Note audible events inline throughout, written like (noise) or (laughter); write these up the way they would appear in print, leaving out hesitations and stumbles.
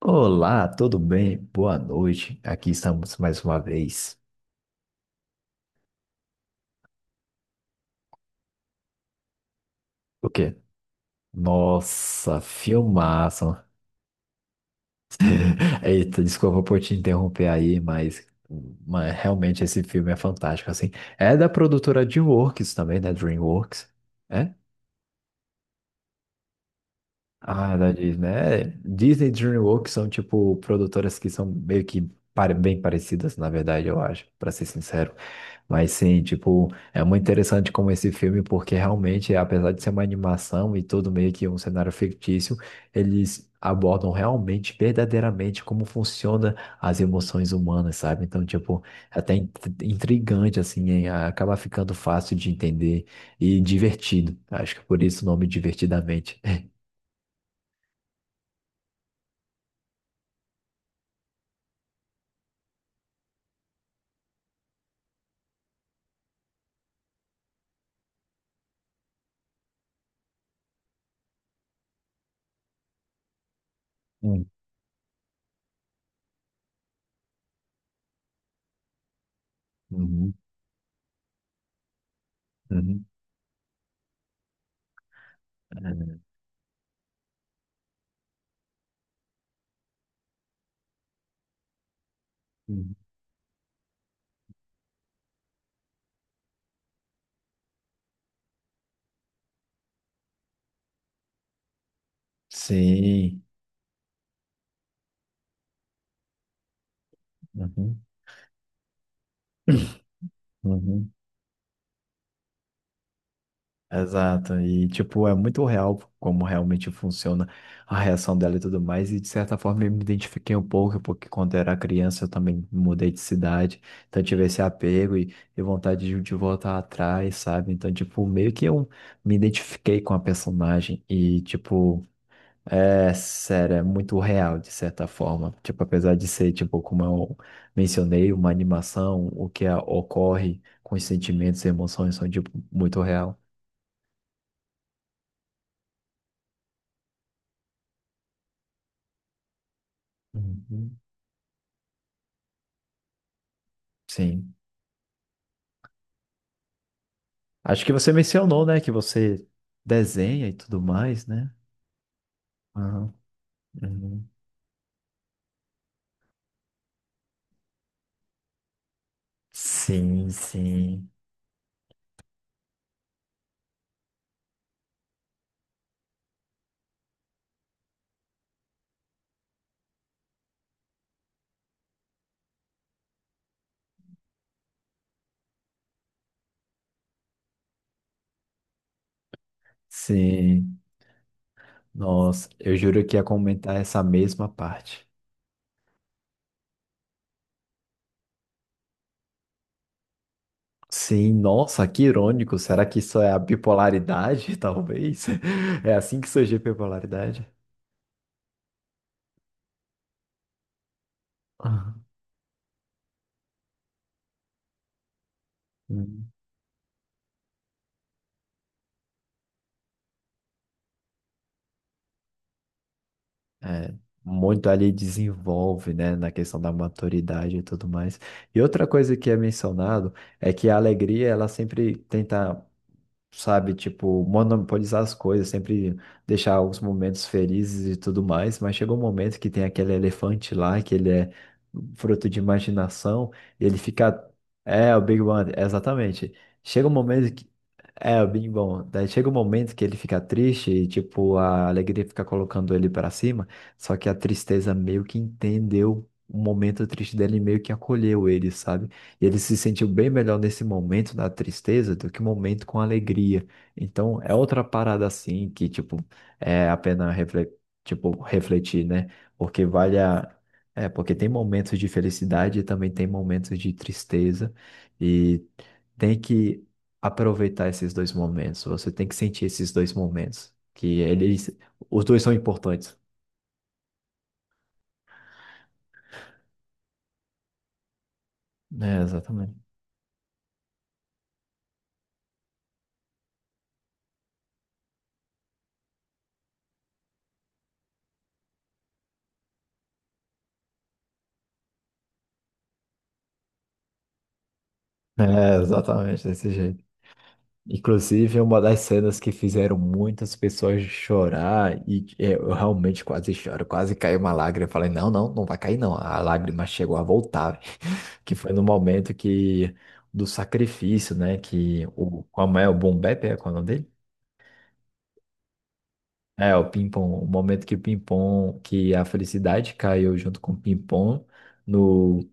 Olá, tudo bem? Boa noite. Aqui estamos mais uma vez. O quê? Nossa, filmaço. (laughs) Eita, desculpa por te interromper aí, mas realmente esse filme é fantástico, assim. É da produtora DreamWorks também, né? DreamWorks. É? Ah, da Disney. É, Disney e DreamWorks são, tipo, produtoras que são meio que bem parecidas, na verdade, eu acho, para ser sincero. Mas sim, tipo, é muito interessante como esse filme, porque realmente, apesar de ser uma animação e tudo meio que um cenário fictício, eles abordam realmente, verdadeiramente, como funciona as emoções humanas, sabe? Então, tipo, é até intrigante, assim, hein? Acaba ficando fácil de entender e divertido. Acho que por isso o nome Divertidamente. (laughs) Uhum, uhum, é, uhum. Sim. Uhum, uhum. Exato. E, tipo, é muito real como realmente funciona a reação dela e tudo mais. E, de certa forma, eu me identifiquei um pouco, porque quando eu era criança eu também mudei de cidade. Então, eu tive esse apego e vontade de voltar atrás, sabe? Então, tipo, meio que eu me identifiquei com a personagem. E, tipo. É, sério, é muito real, de certa forma. Tipo, apesar de ser, tipo, como eu mencionei, uma animação, o que ocorre com os sentimentos e emoções são, tipo, muito real. Uhum. Sim. Acho que você mencionou, né, que você desenha e tudo mais, né? Aham. Uhum. Sim, sim, sim. Nossa, eu juro que ia comentar essa mesma parte. Sim, nossa, que irônico. Será que isso é a bipolaridade, (laughs) talvez? É assim que surge a bipolaridade? Ah, hum. É, muito ali desenvolve, né, na questão da maturidade e tudo mais. E outra coisa que é mencionado é que a alegria, ela sempre tenta sabe, tipo, monopolizar as coisas, sempre deixar os momentos felizes e tudo mais, mas chegou um momento que tem aquele elefante lá, que ele é fruto de imaginação, e ele fica. É, o Big Bang, exatamente. Chega um momento que. É, o Big Bang. Daí chega um momento que ele fica triste e, tipo, a alegria fica colocando ele pra cima, só que a tristeza meio que entendeu o momento triste dele e meio que acolheu ele, sabe? E ele se sentiu bem melhor nesse momento da tristeza do que um momento com alegria. Então, é outra parada assim que, tipo, é a pena tipo, refletir, né? Porque vale a... É, porque tem momentos de felicidade e também tem momentos de tristeza. E tem que aproveitar esses dois momentos. Você tem que sentir esses dois momentos. Que eles... Os dois são importantes. É, exatamente. É, exatamente, desse jeito. Inclusive, é uma das cenas que fizeram muitas pessoas chorar e é, eu realmente quase choro, quase caiu uma lágrima. Eu falei, não, não, não vai cair não. A lágrima chegou a voltar, (laughs) que foi no momento que do sacrifício, né? Que o como é o Boom Bap, é qual é o nome dele? É o Pimpom, o momento que o Pimpom, que a felicidade caiu junto com o Pimpom no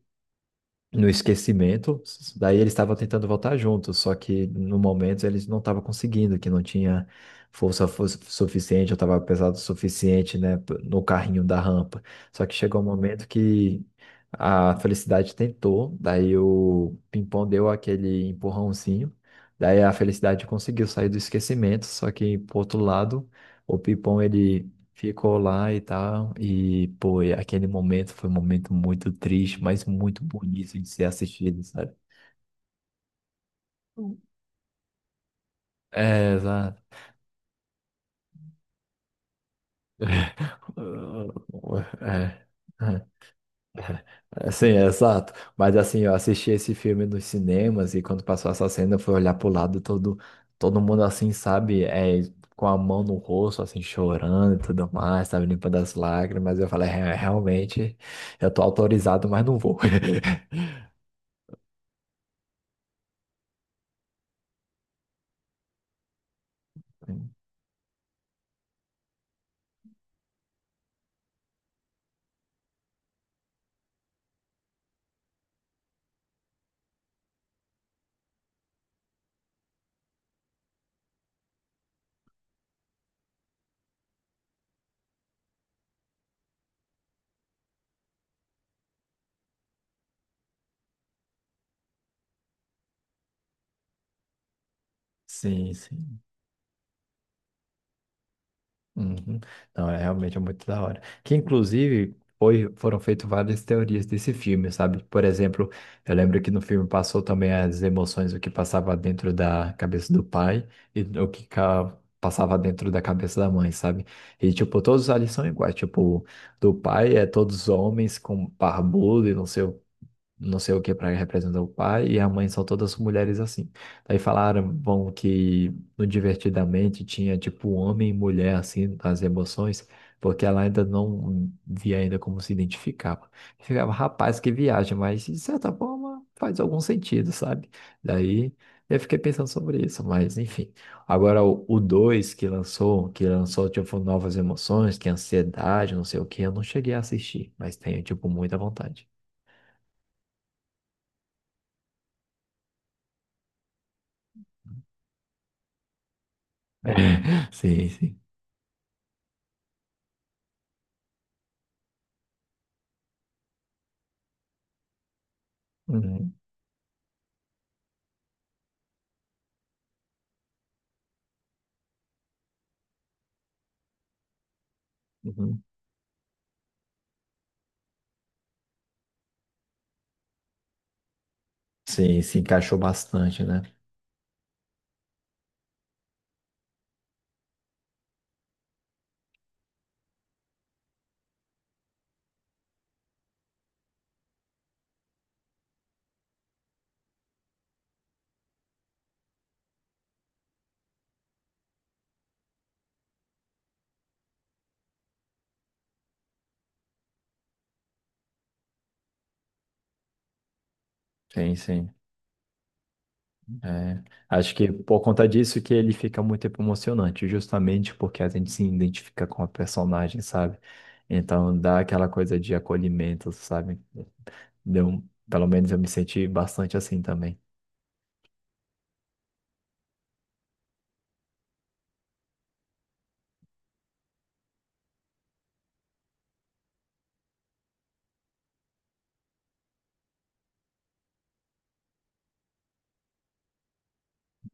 no esquecimento. Daí eles estavam tentando voltar juntos, só que no momento eles não estavam conseguindo, que não tinha força, suficiente, eu estava pesado o suficiente, né, no carrinho da rampa. Só que chegou um momento que a Felicidade tentou, daí o Pimpão deu aquele empurrãozinho, daí a Felicidade conseguiu sair do esquecimento, só que por outro lado, o Pimpão ele ficou lá e tal, e pô, e aquele momento foi um momento muito triste, mas muito bonito de ser assistido, sabe? Hum. É, exato. (laughs) É, Sim, é exato. Mas assim, eu assisti esse filme nos cinemas e quando passou essa cena, eu fui olhar pro lado todo, todo mundo assim, sabe? É, com a mão no rosto, assim, chorando e tudo mais, sabe? Limpando as lágrimas. Eu falei, "É, realmente, eu tô autorizado, mas não vou." (laughs) Sim, sim. Uhum. Não, é realmente é muito da hora. Que inclusive foi, foram feitas várias teorias desse filme, sabe? Por exemplo, eu lembro que no filme passou também as emoções, o que passava dentro da cabeça do pai e o que passava dentro da cabeça da mãe, sabe? E tipo, todos ali são iguais. Tipo, do pai é todos homens com barbudo e não sei o que para representar o pai, e a mãe são todas mulheres assim. Aí falaram, bom, que no Divertidamente tinha tipo homem e mulher assim, as emoções, porque ela ainda não via ainda como se identificava. Ficava, rapaz, que viagem, mas de certa forma faz algum sentido, sabe? Daí eu fiquei pensando sobre isso, mas enfim. Agora o 2 que lançou tipo novas emoções, que é ansiedade, não sei o que, eu não cheguei a assistir, mas tenho tipo muita vontade. (laughs) Sim, sim. Uhum, uhum. Sim, se encaixou bastante, né? Sim, sim. É, acho que por conta disso que ele fica muito emocionante, justamente porque a gente se identifica com a personagem, sabe? Então dá aquela coisa de acolhimento, sabe? Deu, pelo menos eu me senti bastante assim também.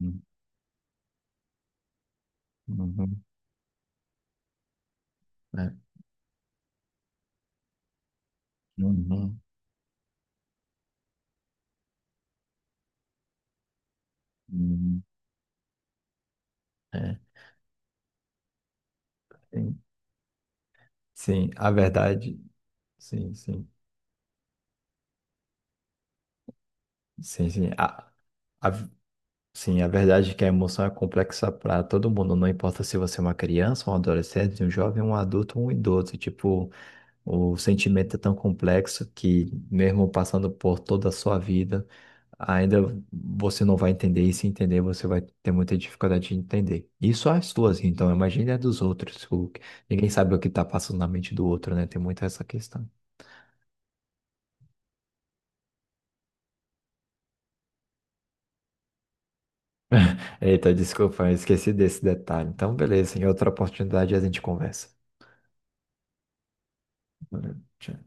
Uhum, uhum, é, uhum, uhum, é, sim, sim, a verdade. Sim, sim. Sim, sim. A, Sim, a verdade é que a emoção é complexa para todo mundo, não importa se você é uma criança, um adolescente, um jovem, um adulto um idoso. Tipo, o sentimento é tão complexo que, mesmo passando por toda a sua vida, ainda você não vai entender, e se entender, você vai ter muita dificuldade de entender. Isso é as suas, então, imagine a dos outros. Ninguém sabe o que está passando na mente do outro, né? Tem muito essa questão. Eita, desculpa, eu esqueci desse detalhe. Então, beleza, em outra oportunidade a gente conversa. Valeu, tchau.